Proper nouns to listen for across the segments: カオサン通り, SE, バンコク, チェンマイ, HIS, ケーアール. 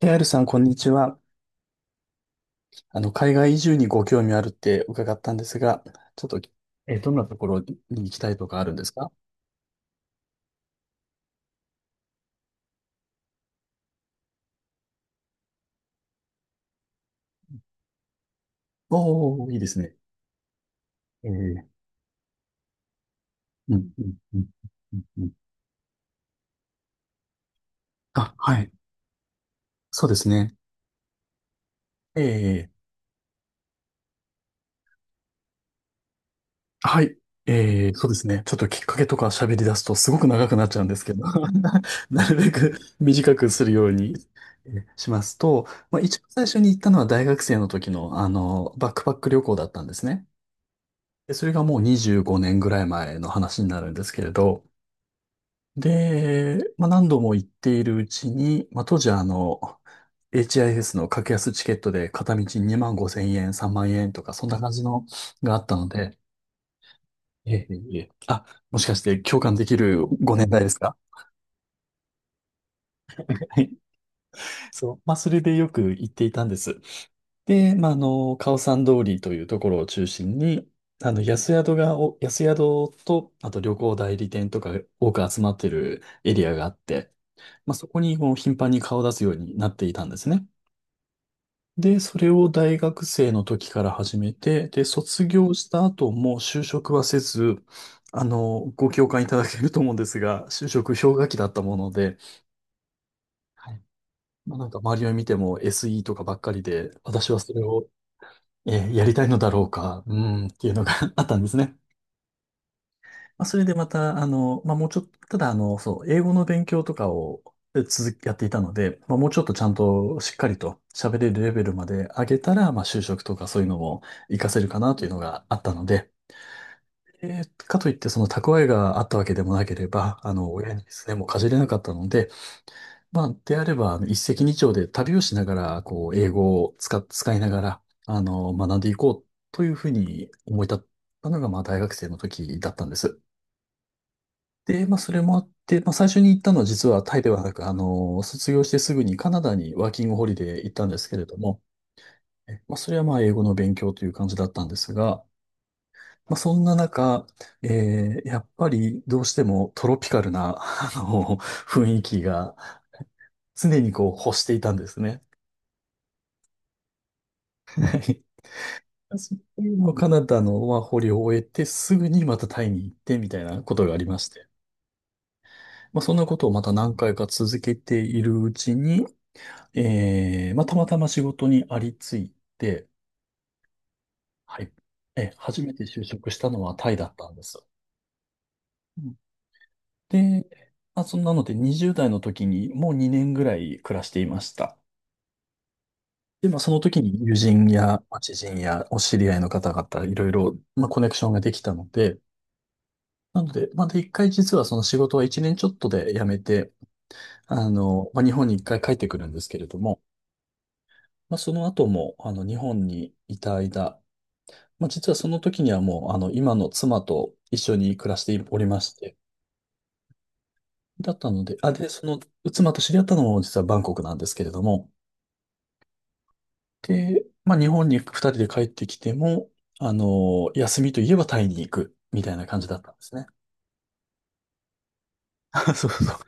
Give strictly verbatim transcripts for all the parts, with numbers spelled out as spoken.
ケーアールさん、こんにちは。あの、海外移住にご興味あるって伺ったんですが、ちょっと、えー、どんなところに行きたいとかあるんですか？おー、いいですね。えー、うん、うん、うん、うんうん。あ、はい。そうですね。えー、はい。えー、そうですね。ちょっときっかけとか喋り出すとすごく長くなっちゃうんですけど、なるべく短くするようにえーしますと、まあ、一番最初に行ったのは大学生の時の、あの、バックパック旅行だったんですね。で、それがもうにじゅうごねんぐらい前の話になるんですけれど、で、まあ、何度も行っているうちに、まあ、当時はあの、エイチアイエス の格安チケットで片道にまんごせん円、さんまん円とか、そんな感じのがあったので、ええ、いえいえあ、もしかして共感できるご年代ですか？ はい。そう。まあ、それでよく行っていたんです。で、まあ、あの、カオサン通りというところを中心に、あの、安宿がお、安宿と、あと旅行代理店とか多く集まってるエリアがあって、まあ、そこにこう頻繁に顔を出すようになっていたんですね。で、それを大学生の時から始めて、で、卒業した後も就職はせず、あの、ご共感いただけると思うんですが、就職氷河期だったもので、はい。まあ、なんか周りを見ても エスイー とかばっかりで、私はそれをえーやりたいのだろうか、うーん、っていうのが あったんですね。まあ、それでまた、あの、まあ、もうちょっと、ただ、あの、そう、英語の勉強とかをえ続き、やっていたので、まあ、もうちょっとちゃんとしっかりと喋れるレベルまで上げたら、まあ、就職とかそういうのも活かせるかなというのがあったので、えーかといって、その蓄えがあったわけでもなければ、あの、親にですね、もうかじれなかったので、まあ、であれば、あの一石二鳥で旅をしながら、こう、英語を使っ、使いながら、あの、学んでいこうというふうに思い立ったのが、まあ、大学生の時だったんです。で、まあ、それもあって、まあ、最初に行ったのは実はタイではなく、あの、卒業してすぐにカナダにワーキングホリデー行ったんですけれども、えまあ、それはまあ、英語の勉強という感じだったんですが、まあ、そんな中、えーやっぱりどうしてもトロピカルな、あの、雰囲気が常にこう、欲していたんですね。そこカナダのまあ捕虜を終えて、すぐにまたタイに行ってみたいなことがありまして。まあ、そんなことをまた何回か続けているうちに、えー、まあ、たまたま仕事にありついて、はい。え、初めて就職したのはタイだったんです。うんで、まあ、そんなのでにじゅう代の時にもうにねんぐらい暮らしていました。で、まあ、その時に友人やまあ知人やお知り合いの方々、いろいろ、まあ、コネクションができたので、なので、まだ一回実はその仕事は一年ちょっとで辞めて、あの、まあ、日本に一回帰ってくるんですけれども、まあ、その後も、あの、日本にいた間、まあ、実はその時にはもう、あの、今の妻と一緒に暮らしておりまして、だったので、あ、で、その、妻と知り合ったのも実はバンコクなんですけれども、で、まあ、日本に二人で帰ってきても、あの、休みといえばタイに行く、みたいな感じだったんですね。そうそう。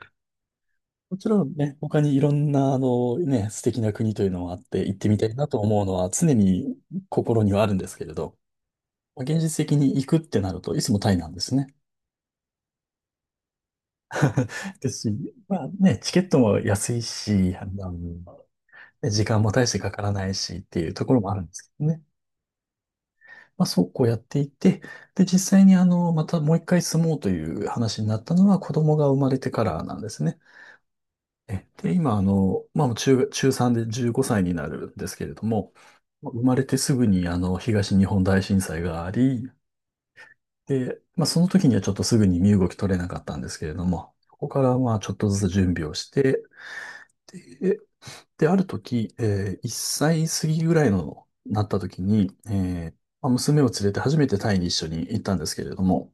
もちろんね、他にいろんな、あの、ね、素敵な国というのもあって、行ってみたいなと思うのは常に心にはあるんですけれど、まあ現実的に行くってなると、いつもタイなんですね。ですし、まあね、チケットも安いし、あの、ね、時間も大してかからないしっていうところもあるんですけどね。まあそうこうやっていて、で、実際にあの、またもう一回住もうという話になったのは子供が生まれてからなんですね。え、で、今、あの、まあ、中、中さんでじゅうごさいになるんですけれども、まあ生まれてすぐに、あの、東日本大震災があり、で、まあ、その時にはちょっとすぐに身動き取れなかったんですけれども、そこから、まあ、ちょっとずつ準備をして、で、で、ある時、えー、いっさい過ぎぐらいの、なった時に、えーまあ娘を連れて初めてタイに一緒に行ったんですけれども、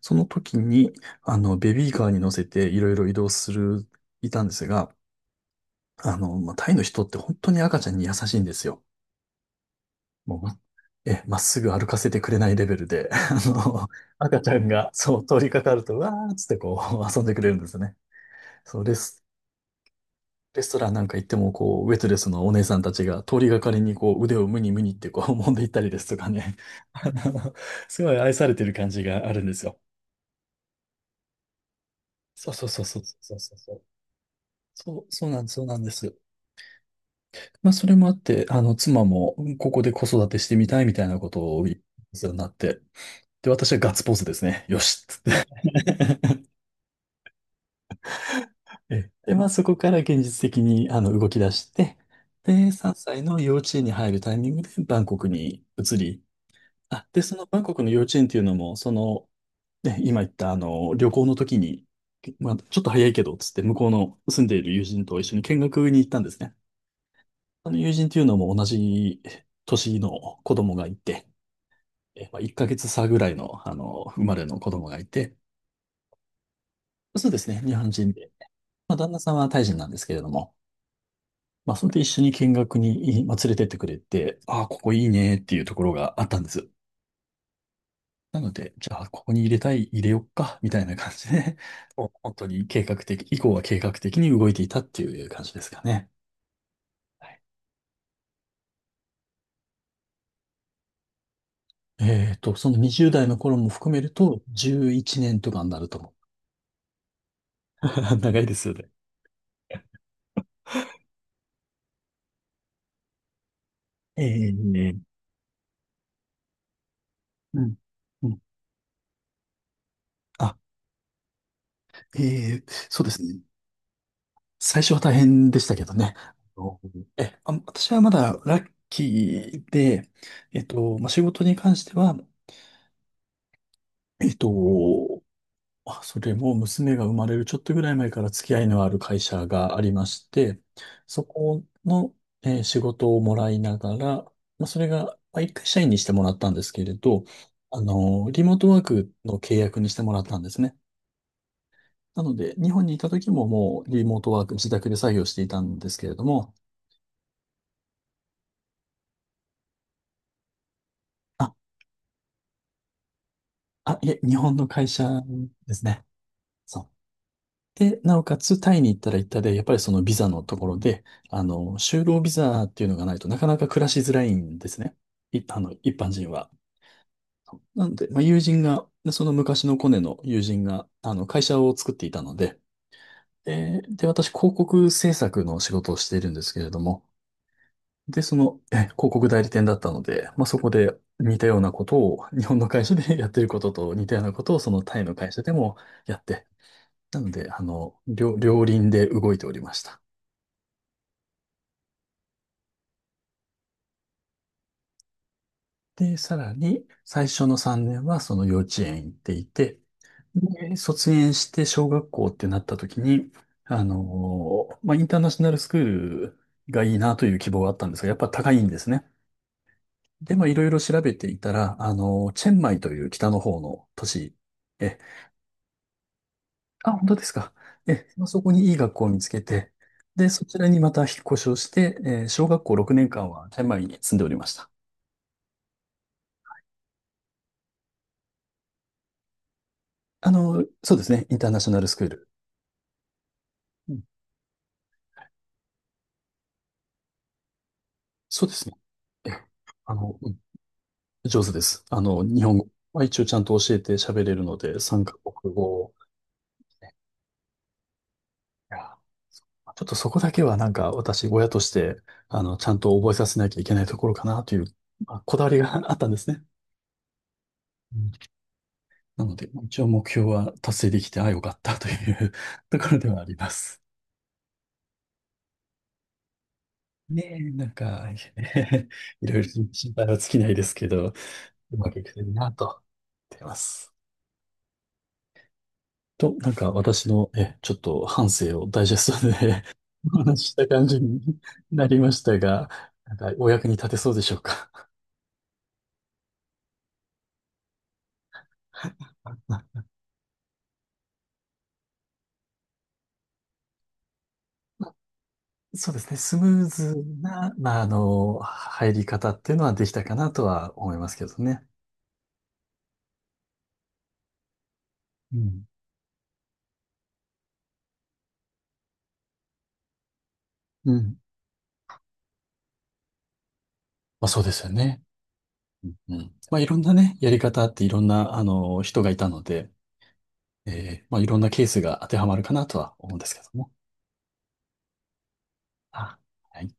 その時に、あの、ベビーカーに乗せていろいろ移動する、いたんですが、あの、まあ、タイの人って本当に赤ちゃんに優しいんですよ。もうま、え、まっすぐ歩かせてくれないレベルで、あの、赤ちゃんが、そう、通りかかると、わーっつってこう、遊んでくれるんですね。そう、レス、レストランなんか行っても、こう、ウェイトレスのお姉さんたちが通りがかりに、こう、腕をムニムニってこう、揉んでいったりですとかね。あの、すごい愛されてる感じがあるんですよ。そうそうそうそうそうそうそう。そう、そうなんです、そうなんです。まあ、それもあって、あの、妻も、ここで子育てしてみたいみたいなことを言うようになって、で、私はガッツポーズですね。よしっつって えで、まあ、そこから現実的に、あの、動き出して、で、さんさいの幼稚園に入るタイミングでバンコクに移り、あ、で、そのバンコクの幼稚園っていうのも、その、ね、今言った、あの、旅行の時に、まあ、ちょっと早いけど、つって、向こうの住んでいる友人と一緒に見学に行ったんですね。あの友人っていうのも同じ年の子供がいて、えーまあ、いっかげつ差ぐらいの、あの、生まれの子供がいて、そうですね、日本人で。まあ、旦那さんはタイ人なんですけれども、まあ、それで一緒に見学に、まあ、連れてってくれて、ああ、ここいいねっていうところがあったんです。なので、じゃあ、ここに入れたい、入れよっか、みたいな感じで、もう本当に計画的、以降は計画的に動いていたっていう感じですかね。はいえっと、そのにじゅう代の頃も含めると、じゅういちねんとかになると思う。長いですよね。ええ、うん。うん、あ、ええ、そうですね。最初は大変でしたけどね。あのえ、あ、私はまだラッキーで、えっと、まあ、仕事に関しては、えっと、あそれも娘が生まれるちょっとぐらい前から付き合いのある会社がありまして、そこの、えー仕事をもらいながら、まあ、それが、まあ、一回社員にしてもらったんですけれど、あの、リモートワークの契約にしてもらったんですね。なので、日本にいた時ももうリモートワーク、自宅で作業していたんですけれども、あ、いえ、日本の会社ですね。そう。で、なおかつ、タイに行ったら行ったで、やっぱりそのビザのところで、あの、就労ビザっていうのがないとなかなか暮らしづらいんですね。い、あの、一般人は。なので、まあ、友人が、その昔のコネの友人が、あの、会社を作っていたので、で、で、私、広告制作の仕事をしているんですけれども、で、その、え、広告代理店だったので、まあ、そこで似たようなことを、日本の会社でやってることと似たようなことを、そのタイの会社でも、やって、なので、あの、両、両輪で動いておりました。で、さらに、最初のさんねんはその幼稚園行っていて、で、卒園して小学校ってなった時に、あの、まあ、インターナショナルスクールがいいなという希望があったんですが、やっぱ高いんですね。で、まあ、いろいろ調べていたら、あの、チェンマイという北の方の都市、え、あ、本当ですか？え、まあそこにいい学校を見つけて、で、そちらにまた引っ越しをして、えー小学校ろくねんかんはチェンマイに住んでおりました。あの、そうですね。インターナショナルスクール。うん。そうですね。ええ、あの、うん、上手です。あの、日本語は一応ちゃんと教えて喋れるので、さんカ国語。いや、ちょっとそこだけはなんか私、親として、あの、ちゃんと覚えさせなきゃいけないところかなという、まあ、こだわりが あったんですね。うんなので、一応目標は達成できて、あ、よかったという ところではあります。ねえ、なんか、いろいろ心配は尽きないですけど、うまくいくといいなと思ってます。と、なんか私の、え、ちょっと反省をダイジェストで お話しした感じになりましたが、なんかお役に立てそうでしょうか。そうですね。スムーズな、まあ、あの、入り方っていうのはできたかなとは思いますけどね。うん。うん。まあ、そうですよね。うんうん。まあ、いろんなね、やり方あっていろんな、あの、人がいたので、えーまあ、いろんなケースが当てはまるかなとは思うんですけども。あはい。